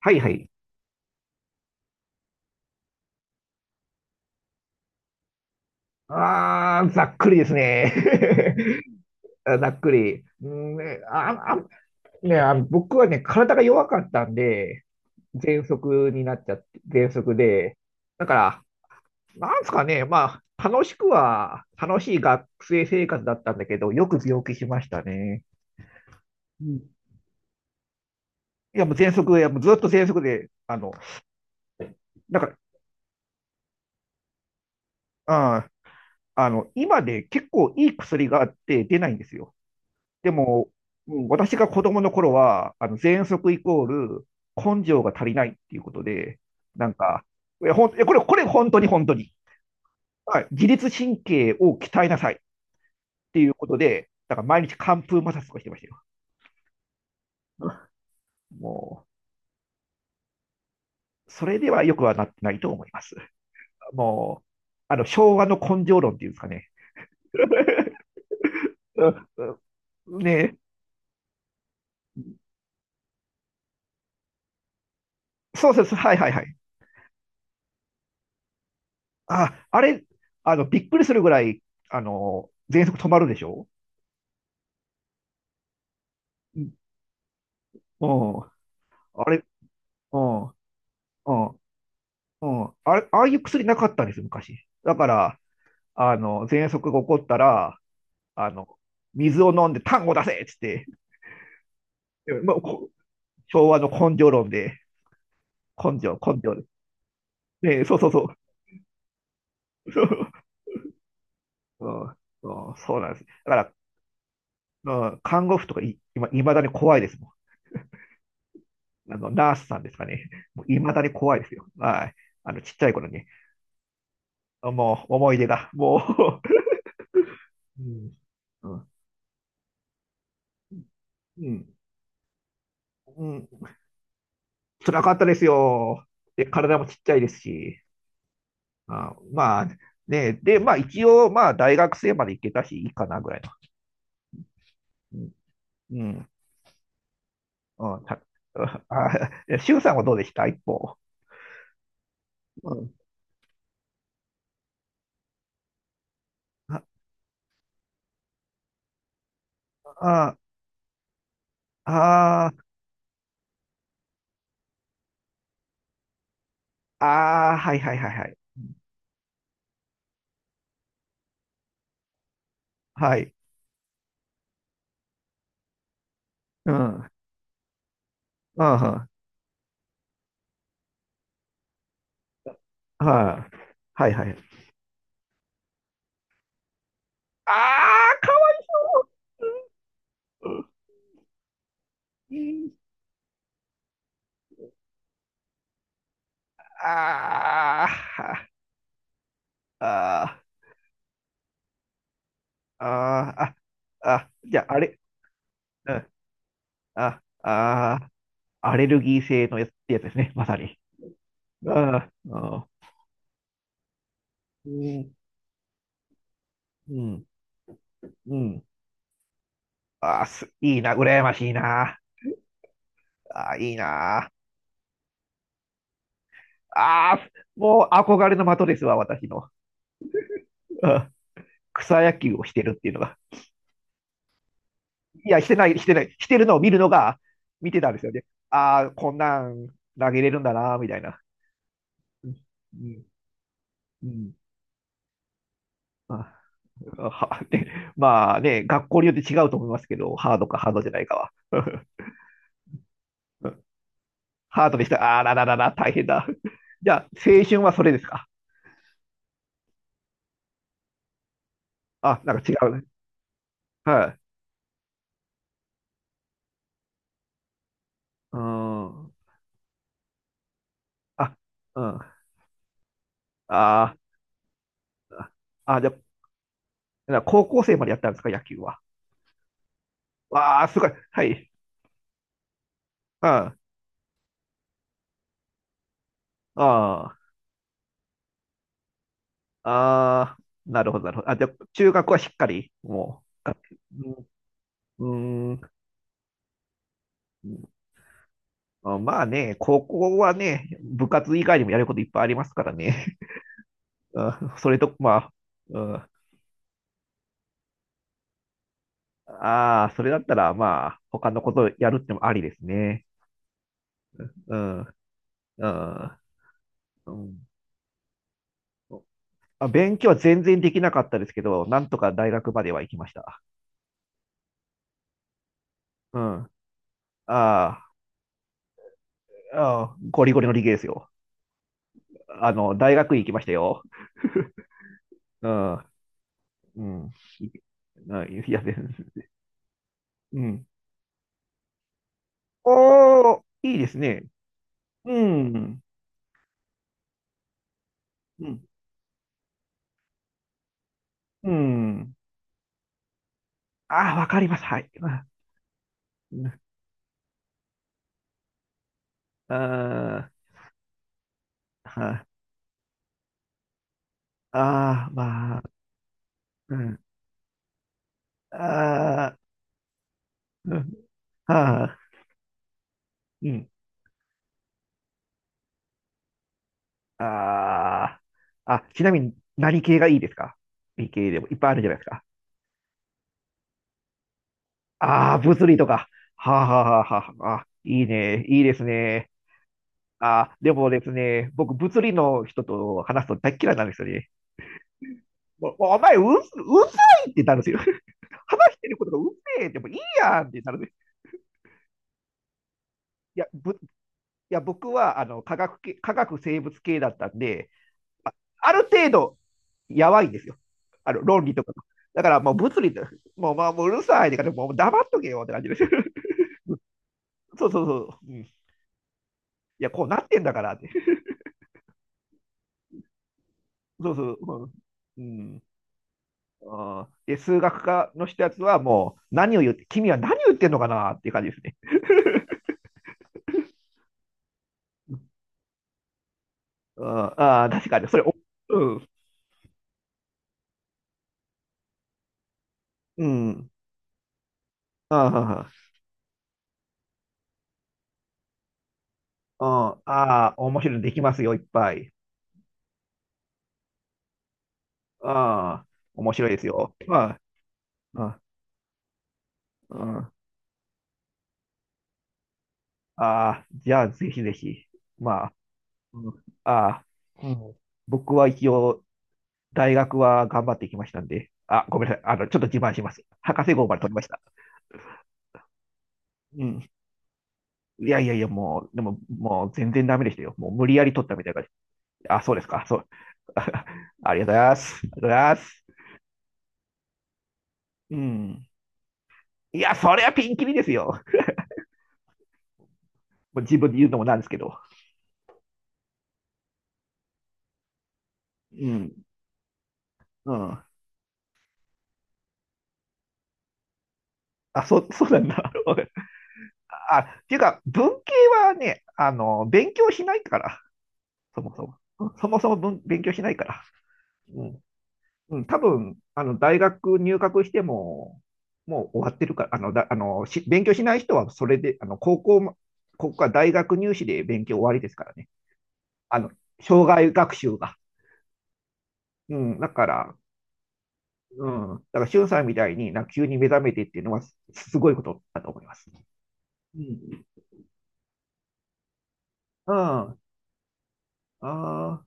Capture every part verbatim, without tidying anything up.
はいはい。ああ、ざっくりですね。あざっくり。うんね、あ、あ、ね、あの、僕はね、体が弱かったんで、喘息になっちゃって、喘息で。だから、なんですかね、まあ、楽しくは、楽しい学生生活だったんだけど、よく病気しましたね。うん。いや、もう喘息、いや、もうずっと喘息で、あの、だから、うん、あの、今で結構いい薬があって出ないんですよ。でも、うん、私が子供の頃は、あの、喘息イコール根性が足りないっていうことで、なんか、いや、ほん、いやこれ、これ本当に本当に。はい。自律神経を鍛えなさいっていうことで、だから毎日寒風摩擦とかしてましたよ。もう、それではよくはなってないと思います。もう、あの、昭和の根性論っていうんですかね。うんうん。ねえ、そうそうそう、はいはいはい。あ、あれ、あの、びっくりするぐらい、あの、喘息止まるでしょ。うん。うん。あれ、うん、うん、うん。あれ、ああいう薬なかったんですよ、昔。だから、あの、喘息が起こったら、あの、水を飲んで痰を出せっつって、うん、まあ、こ昭和の根性論で、根性、根性で。ね、そうそうそう。うんうん、そうなんです。だから、うん、看護婦とかい、今、いまだに怖いですもん。あの、ナースさんですかね。もういまだに怖いですよ。はい。あの、ちっちゃい頃に。もう、思い出が。もう、うん、うん、うん。うん、辛かったですよ。で、体もちっちゃいですし。あ、まあ、ね、で、まあ一応、まあ大学生まで行けたし、いいかなぐらいの。うん。うん。たあ、しゅうさんはどうでした一方。うん。あ、あ、あー、あー、はいはいはいはい。はい。うん。うん。はい。はいはい。ああ、かわいそう。うん。ああああああ、ああ、じゃあ、あれ、うん、あ、あアレルギー性のやつ、ってやつですね、まさに。ああ、うん、うん、うん。ああ、す、いいな、羨ましいな。ああ、いいな。ああ、もう憧れの的ですわ、私の。うん。草野球をしてるっていうのが。いや、してない、してない。してるのを見るのが、見てたんですよね。ああ、こんなん投げれるんだな、みたいな。うん、うん、うん。あはでまあね、学校によって違うと思いますけど、ハードかハードじゃないかは。ハートでした。あらららら、大変だ。じゃあ、青春はそれですか。あ、なんか違うね。はい。うーん。あ、うん。あー。あ、じゃあ、高校生までやったんですか、野球は。わあ、すごい。はい。うん。ああ、ああ、なるほど、なるほど。あ、じゃあ、中学はしっかり、もう、うん。うーん、あ、まあね、高校はね、部活以外にもやることいっぱいありますからね。うん、それと、まあ、うん、ああ、それだったら、まあ、他のことやるってもありですね。うん。うん。うん。あ、勉強は全然できなかったですけど、なんとか大学までは行きました。うん。ああ、ああ、ゴリゴリの理系ですよ。あの、大学院行きましたよ。うん。うん。いあ いや、で、うん。おー、いいですね。うん。うん。うん。ああ、わかります。はい。うん。ああ、はあ、ああ、まあ、うん。あー、うん、あー、うん、あー、あ、ちなみに何系がいいですか。理系でもいっぱいあるじゃないですか。ああ、物理とか。はあ、はあはあはあ、あ、いいね、いいですね。ああでもですね、僕、物理の人と話すと大っ嫌いなんですよね。もう、もうお前、う、うざいってなるんですよ。話してることがうぜえでもいいやんってなるんです。いや、ぶ、いや、僕は、あの、科学系、科学生物系だったんで、ある程度、やばいんですよ。あの、論理とかの。だから、もう物理と、もう、まあ、もううるさいってから、もう黙っとけよって感じです。そうそうそう。うん、いや、こうなってんだからって。そうそう。うん。うん、あ、で、数学科の人やつは、もう、何を言って、君は何を言ってんのかなっていう感じですね。うん、ああ、確かに。それ、おうん、うん。ああ、ああ、面白いのできますよ、いっぱい。ああ、面白いですよ。ああ、ああ、ああ、じゃあ、ぜひぜひ。まあ、うん、ああ、うん、僕は一応、大学は頑張ってきましたんで、あ、ごめんなさい。あの、ちょっと自慢します。博士号まで取りました。うん。いやいやいや、もう、でも、もう全然ダメでしたよ。もう無理やり取ったみたいな感じ。あ、そうですか。そう。ありがとうございます。ありがとうございます。うん。いや、それはピンキリですよ。もう自分で言うのもなんですけど。うん。うん。あ、そ、そうなんだ。あ、っていうか、文系はね、あの、勉強しないから、そもそも。そもそも文勉強しないから。うん。うん、多分、あの、大学入学しても、もう終わってるから、あの、だ、あの、し、勉強しない人はそれで、あの、高校も、ここは大学入試で勉強終わりですからね。あの、生涯学習が。うん、だから、うん、だから、しゅんさんみたいに、なんか急に目覚めてっていうのは、すすごいことだと思います。うん。うん。ああ。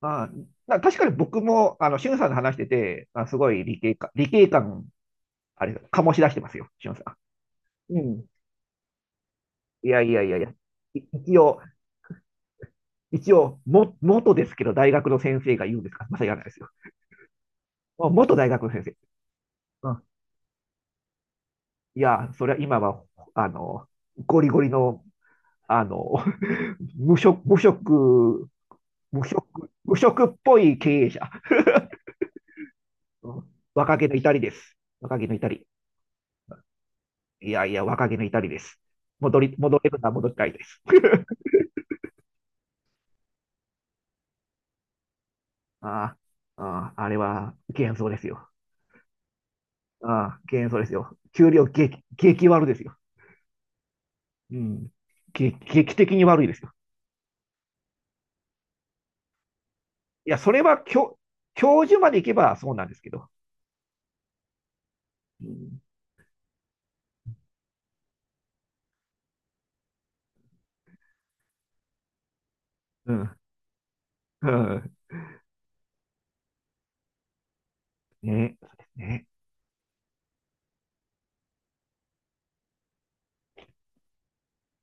あ、な確かに僕も、あの、しゅんさんの話してて、あ、すごい理系か、理系感、あれ、醸し出してますよ、しゅんさ。うん。うん。いやいやいやいや、い一応、一応、も、元ですけど、大学の先生が言うんですか、まさ言わないですよ。あ、元大学の先生。うん。いや、それは今は、あの、ゴリゴリの、あの、無職、無職、無職、無職っぽい経営者。うん、若気の至りです。若気の至り。いやいや、若気の至りです。戻り、戻れるなら戻りたいです。ああ、ああ、あれは幻想ですよ。ああ、幻想ですよ。給料激、激悪ですよ。うん。劇、劇的に悪いですよ。いや、それは教、教授まで行けばそうなんですけど。うん。うん。うん。ね。そうですね。